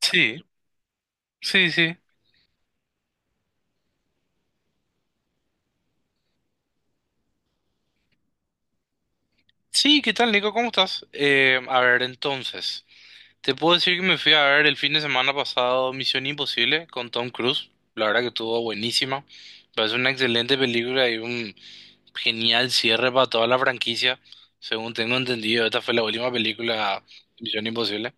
Sí, sí, sí. Sí, ¿qué tal, Nico? ¿Cómo estás? A ver, entonces, te puedo decir que me fui a ver el fin de semana pasado Misión Imposible con Tom Cruise. La verdad que estuvo buenísima. Parece una excelente película y un genial cierre para toda la franquicia. Según tengo entendido, esta fue la última película de Misión Imposible.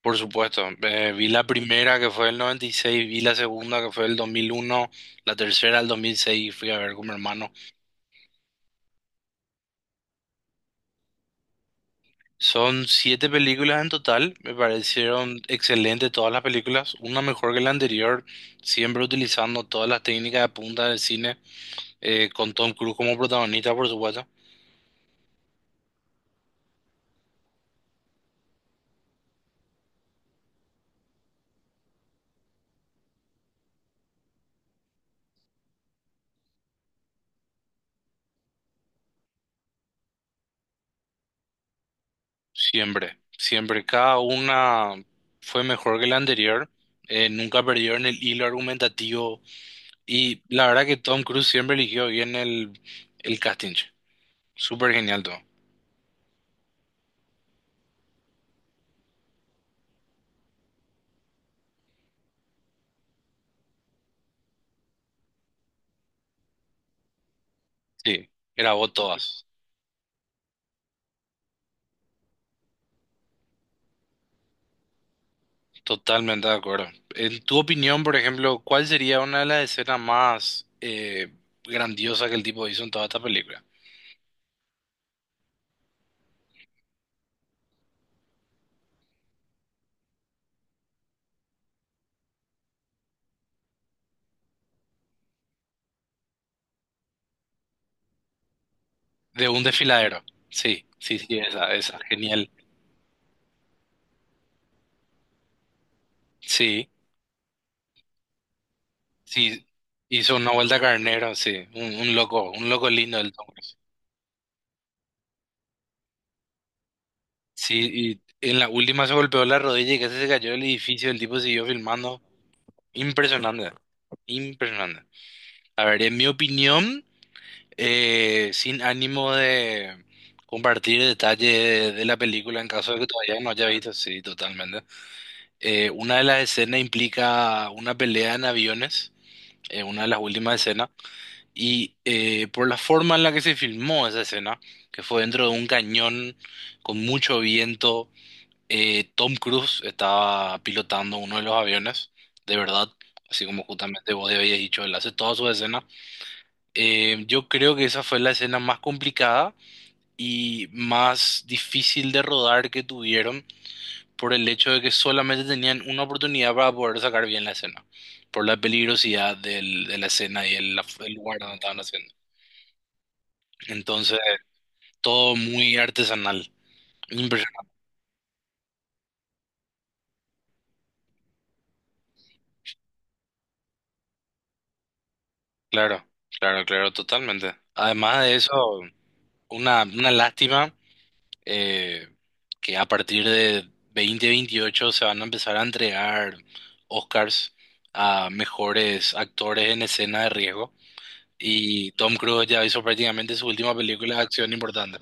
Por supuesto, vi la primera que fue el 96, vi la segunda que fue el 2001, la tercera el 2006 y fui a ver con mi hermano. Son siete películas en total, me parecieron excelentes todas las películas, una mejor que la anterior, siempre utilizando todas las técnicas de punta del cine, con Tom Cruise como protagonista, por supuesto, siempre, siempre, cada una fue mejor que la anterior, nunca perdió en el hilo argumentativo y la verdad que Tom Cruise siempre eligió bien el casting, súper genial todo, sí, grabó todas. Totalmente de acuerdo. En tu opinión, por ejemplo, ¿cuál sería una de las escenas más grandiosas que el tipo hizo en toda esta película? De un desfiladero. Sí, sí, sí, esa, genial. Sí, sí, hizo una vuelta carnero, sí, un loco, un loco lindo del Tom Cruise. Sí, y en la última se golpeó la rodilla y casi se cayó del edificio, el tipo siguió filmando. Impresionante, impresionante. A ver, en mi opinión. Sin ánimo de compartir detalles de la película en caso de que todavía no haya visto, sí, totalmente. Una de las escenas implica una pelea en aviones, una de las últimas escenas, y por la forma en la que se filmó esa escena, que fue dentro de un cañón con mucho viento, Tom Cruise estaba pilotando uno de los aviones, de verdad. Así como justamente vos habías dicho, él hace todas sus escenas. Yo creo que esa fue la escena más complicada y más difícil de rodar que tuvieron por el hecho de que solamente tenían una oportunidad para poder sacar bien la escena, por la peligrosidad de la escena y el, lugar donde estaban haciendo. Entonces, todo muy artesanal. Impresionante. Claro, claro, claro, totalmente. Además de eso, una lástima eh, que a partir de 2028 se van a empezar a entregar Oscars a mejores actores en escena de riesgo. Y Tom Cruise ya hizo prácticamente su última película de acción importante.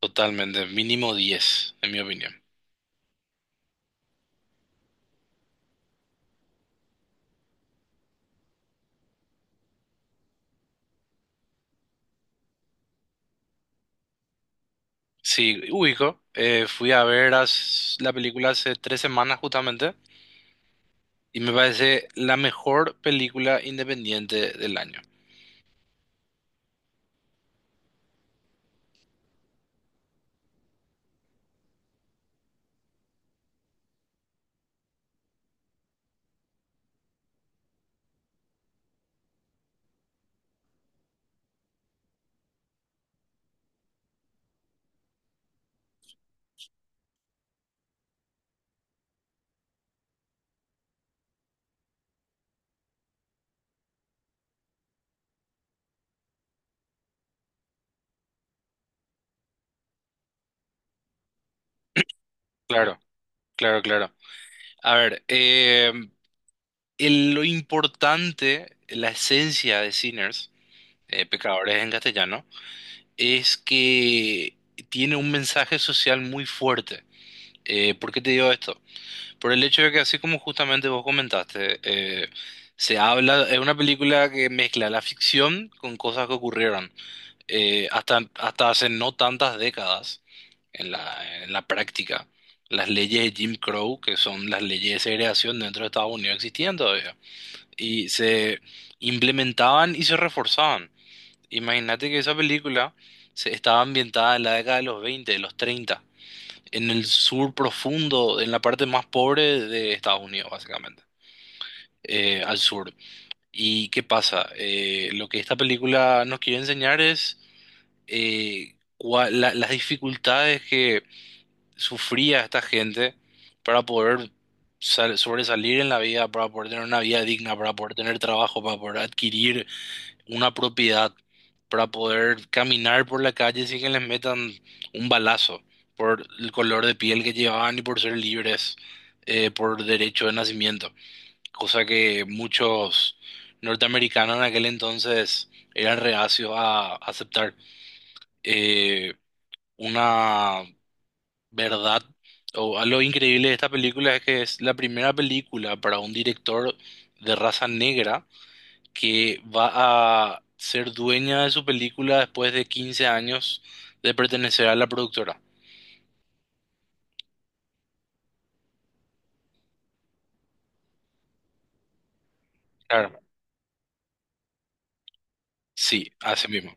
Totalmente, mínimo 10, en mi opinión. Sí, ubico. Fui a ver la película hace 3 semanas justamente y me parece la mejor película independiente del año. Claro, claro, claro. A ver, lo importante, la esencia de Sinners, Pecadores en castellano, es que tiene un mensaje social muy fuerte. ¿Por qué te digo esto? Por el hecho de que, así como justamente vos comentaste, se habla, es una película que mezcla la ficción con cosas que ocurrieron hasta hace no tantas décadas en la práctica. Las leyes de Jim Crow, que son las leyes de segregación dentro de Estados Unidos, existían todavía. Y se implementaban y se reforzaban. Imagínate que esa película se estaba ambientada en la década de los 20, de los 30 en el sur profundo, en la parte más pobre de Estados Unidos, básicamente, al sur. ¿Y qué pasa? Lo que esta película nos quiere enseñar es las dificultades que sufría esta gente para poder sobresalir en la vida, para poder tener una vida digna, para poder tener trabajo, para poder adquirir una propiedad para poder caminar por la calle sin que les metan un balazo por el color de piel que llevaban y por ser libres por derecho de nacimiento, cosa que muchos norteamericanos en aquel entonces eran reacios a aceptar. Eh, una verdad o a lo increíble de esta película es que es la primera película para un director de raza negra que va a ser dueña de su película después de 15 años de pertenecer a la productora. Claro. Sí, así mismo.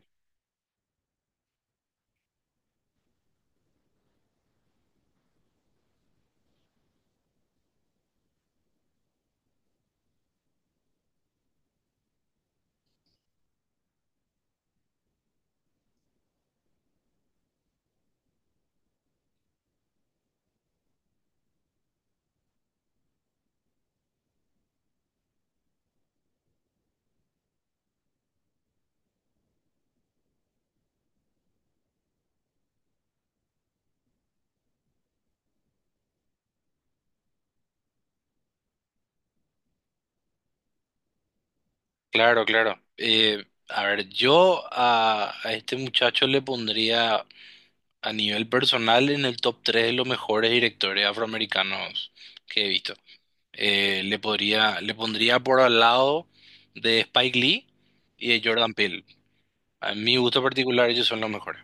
Claro, claro. A ver, yo a este muchacho le pondría a nivel personal en el top tres de los mejores directores afroamericanos que he visto. Le pondría por al lado de Spike Lee y de Jordan Peele. A mi gusto particular, ellos son los mejores.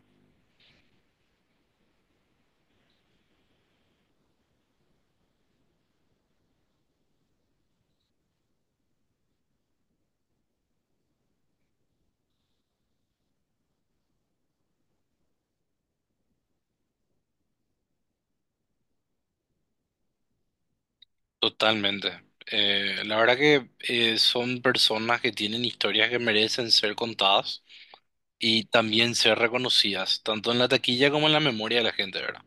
Totalmente. La verdad que son personas que tienen historias que merecen ser contadas y también ser reconocidas, tanto en la taquilla como en la memoria de la gente, ¿verdad?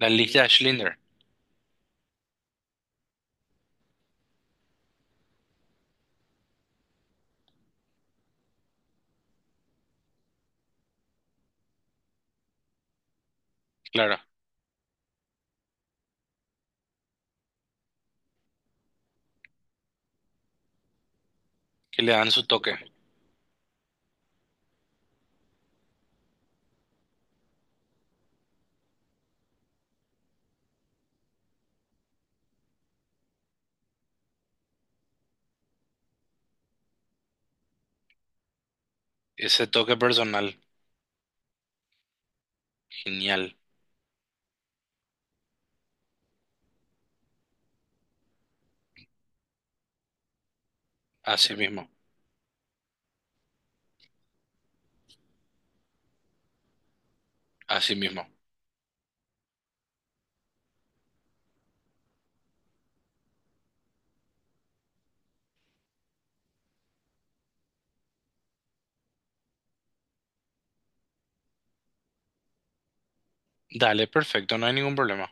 La lista de Schindler, claro, que le dan su toque, ese toque personal, genial, así mismo, así mismo. Dale, perfecto, no hay ningún problema.